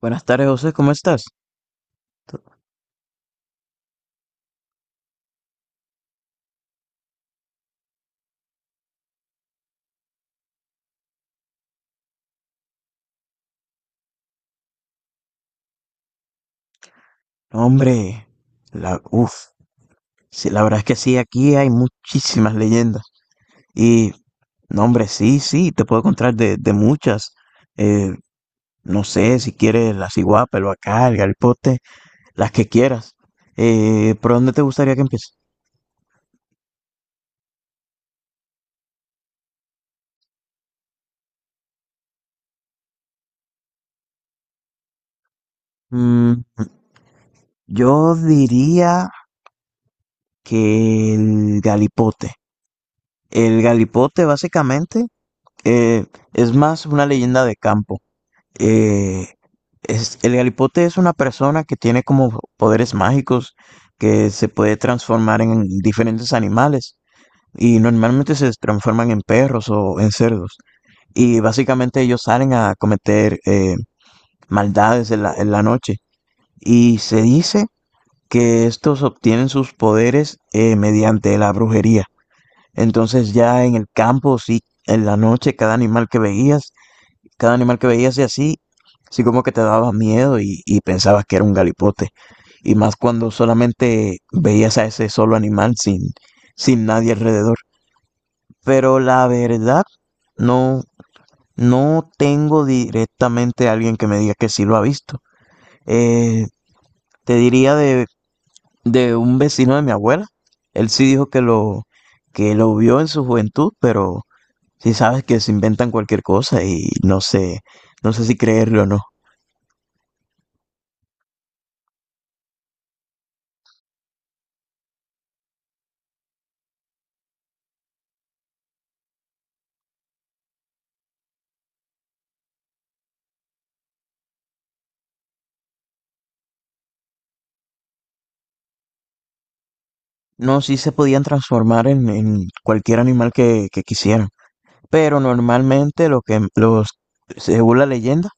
Buenas tardes, José, ¿cómo estás? No, hombre, la, uf, sí, la verdad es que sí, aquí hay muchísimas leyendas. Y, no, hombre, sí, sí, te puedo contar de muchas. Eh, no sé, si quieres la ciguapa, el Bacá, el galipote, las que quieras. ¿por dónde te gustaría que empiece? Mm, yo diría que el Galipote. El Galipote, básicamente, eh, es más una leyenda de campo. Eh, es, el galipote es una persona que tiene como poderes mágicos, que se puede transformar en diferentes animales y normalmente se transforman en perros o en cerdos. Y básicamente ellos salen a cometer maldades en la noche. Y se dice que estos obtienen sus poderes mediante la brujería. Entonces ya en el campo, sí, en la noche, cada animal que veías y así, así como que te daba miedo y pensabas que era un galipote. Y más cuando solamente veías a ese solo animal sin nadie alrededor. Pero la verdad, no, no tengo directamente a alguien que me diga que sí lo ha visto. Eh, Te diría de un vecino de mi abuela. Él sí dijo que lo vio en su juventud, pero sí sabes que se inventan cualquier cosa y no sé, no sé si creerlo o no. No, sí se podían transformar en cualquier animal que quisieran. Pero normalmente según la leyenda,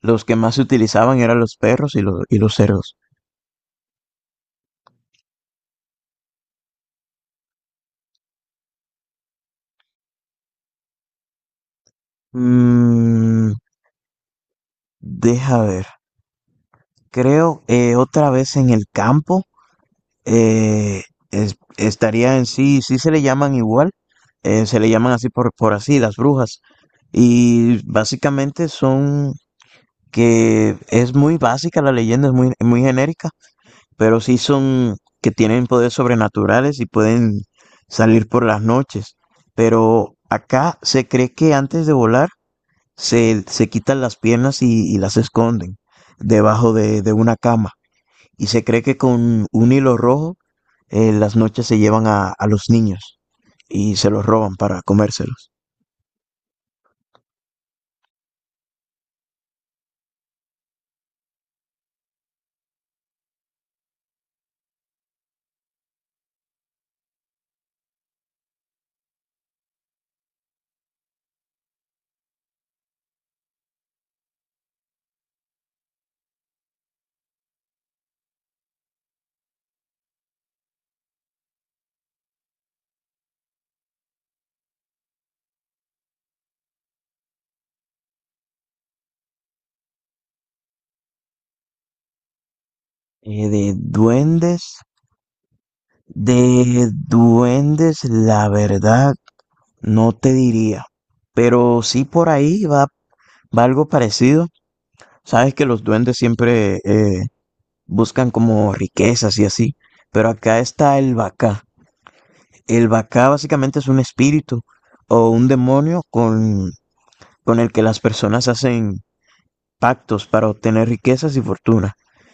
los que más se utilizaban eran los perros y y los cerdos. Mm, Deja ver. Creo otra vez en el campo. eh, Estaría en sí, sí se le llaman igual. Se le llaman así por así, las brujas. Y básicamente son que es muy básica la leyenda, es muy, muy genérica, pero sí son que tienen poderes sobrenaturales y pueden salir por las noches. Pero acá se cree que antes de volar se quitan las piernas y las esconden debajo de una cama. Y se cree que con un hilo rojo las noches se llevan a los niños y se los roban para comérselos. Eh, de duendes, de duendes, la verdad, no te diría. Pero sí por ahí va. Va algo parecido. Sabes que los duendes siempre buscan como riquezas y así, pero acá está el Bacá. El Bacá básicamente es un espíritu o un demonio con el que las personas hacen pactos para obtener riquezas y fortuna.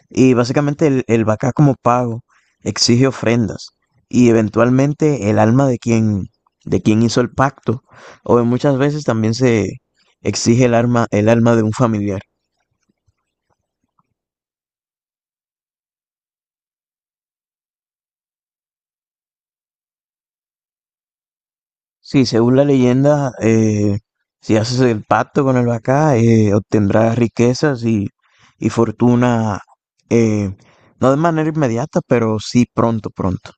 Y básicamente el Bacá como pago exige ofrendas y eventualmente el alma de quien hizo el pacto, o muchas veces también se exige el alma de un familiar. Sí, según la leyenda, si haces el pacto con el Bacá, obtendrás riquezas y fortuna, eh, no de manera inmediata, pero sí pronto, pronto.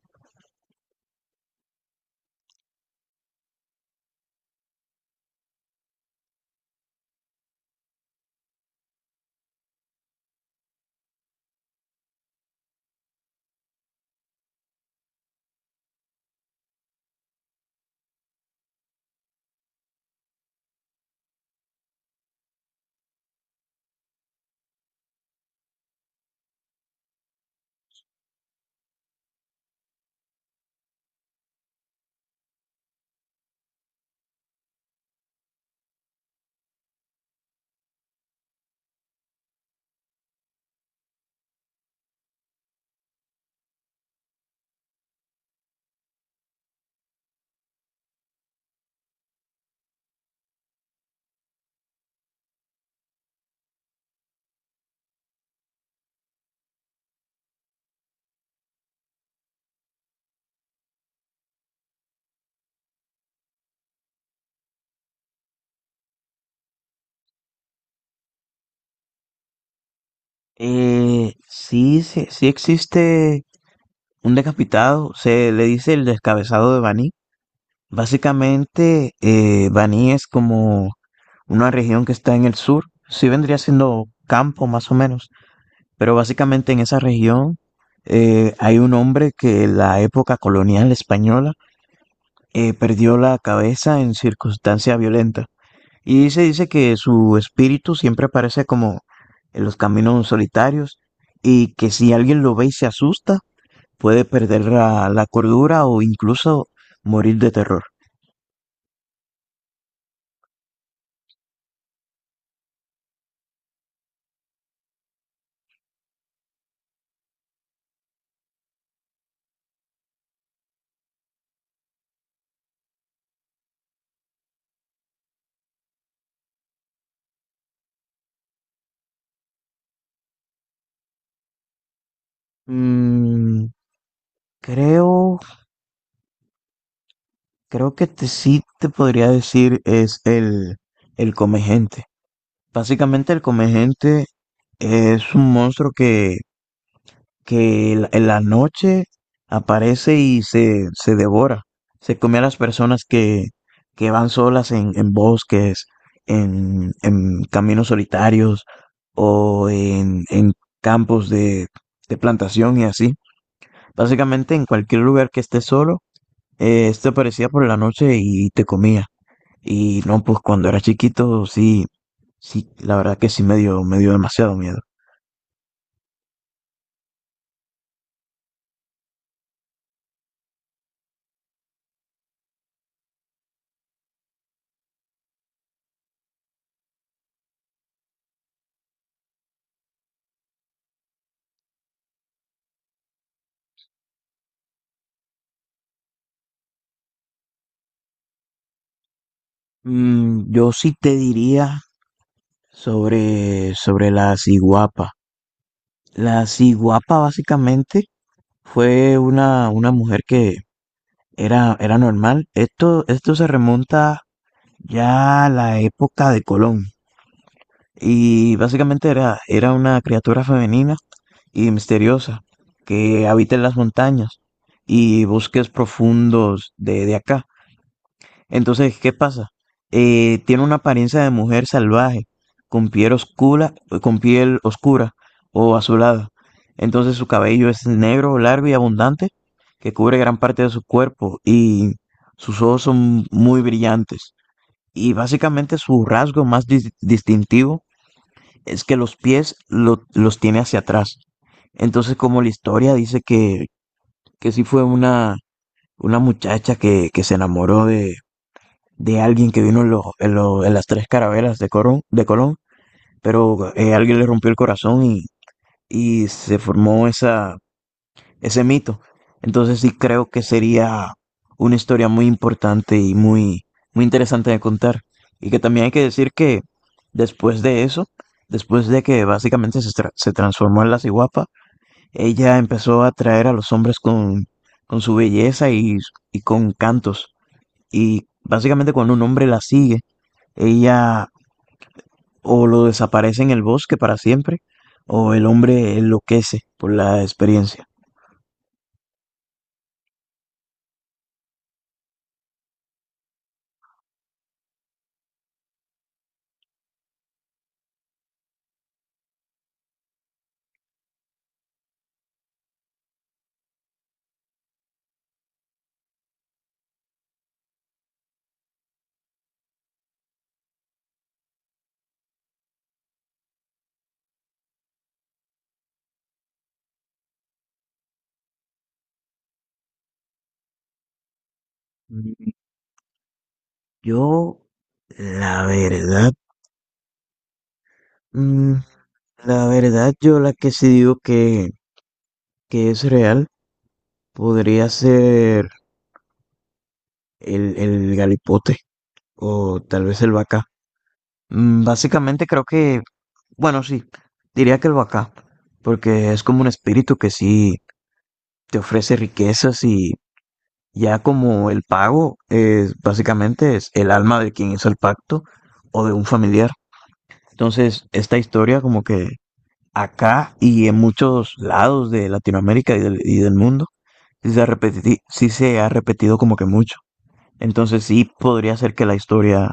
Sí, sí, sí existe un decapitado, se le dice el descabezado de Baní. Básicamente, Baní es como una región que está en el sur, sí vendría siendo campo más o menos, pero básicamente en esa región hay un hombre que en la época colonial española perdió la cabeza en circunstancia violenta y se dice que su espíritu siempre aparece como en los caminos solitarios, y que si alguien lo ve y se asusta, puede perder la cordura o incluso morir de terror. Mm, Creo, Creo que te, sí te podría decir es el come gente. Básicamente el come gente es un monstruo que en la noche aparece y se devora. Se come a las personas que van solas en bosques, en caminos solitarios o en campos de plantación y así. Básicamente en cualquier lugar que estés solo. Este aparecía por la noche y te comía. Y no, pues cuando era chiquito, sí, sí, la verdad que sí me dio demasiado miedo. Yo sí te diría sobre la ciguapa. La ciguapa básicamente fue una mujer que era, era normal. Esto se remonta ya a la época de Colón. Y básicamente era, era una criatura femenina y misteriosa que habita en las montañas y bosques profundos de acá. Entonces, ¿qué pasa? Tiene una apariencia de mujer salvaje, con piel oscura, con piel oscura o azulada. Entonces su cabello es negro, largo y abundante, que cubre gran parte de su cuerpo, y sus ojos son muy brillantes. Y básicamente su rasgo más distintivo es que los pies los tiene hacia atrás. Entonces, como la historia dice que sí fue una muchacha que se enamoró de alguien que vino en las tres carabelas de Colón, de Colón, pero alguien le rompió el corazón y se formó esa, ese mito. Entonces sí creo que sería una historia muy importante y muy, muy interesante de contar. Y que también hay que decir que después de eso, después de que básicamente se transformó en la ciguapa, ella empezó a atraer a los hombres con su belleza y con cantos. Y básicamente cuando un hombre la sigue, ella o lo desaparece en el bosque para siempre, o el hombre enloquece por la experiencia. Mm, Yo La verdad, mm, La verdad, yo, la que sí digo que es real podría ser el galipote o tal vez el vaca. Básicamente creo que, bueno, sí, diría que el vaca, porque es como un espíritu que sí te ofrece riquezas, y ya como el pago es básicamente es el alma de quien hizo el pacto o de un familiar. Entonces, esta historia como que acá y en muchos lados de Latinoamérica y del mundo, sí sí se ha repetido como que mucho. Entonces sí podría ser que la historia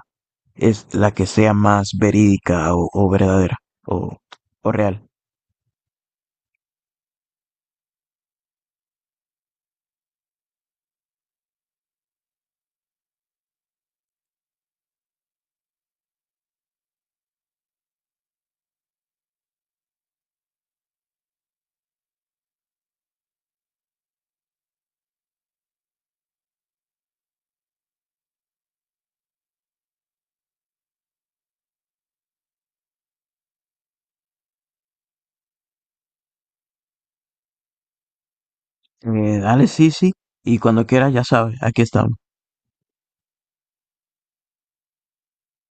es la que sea más verídica o verdadera o, o real. Dale, sí, sí. Y cuando quieras, ya sabes, aquí estamos.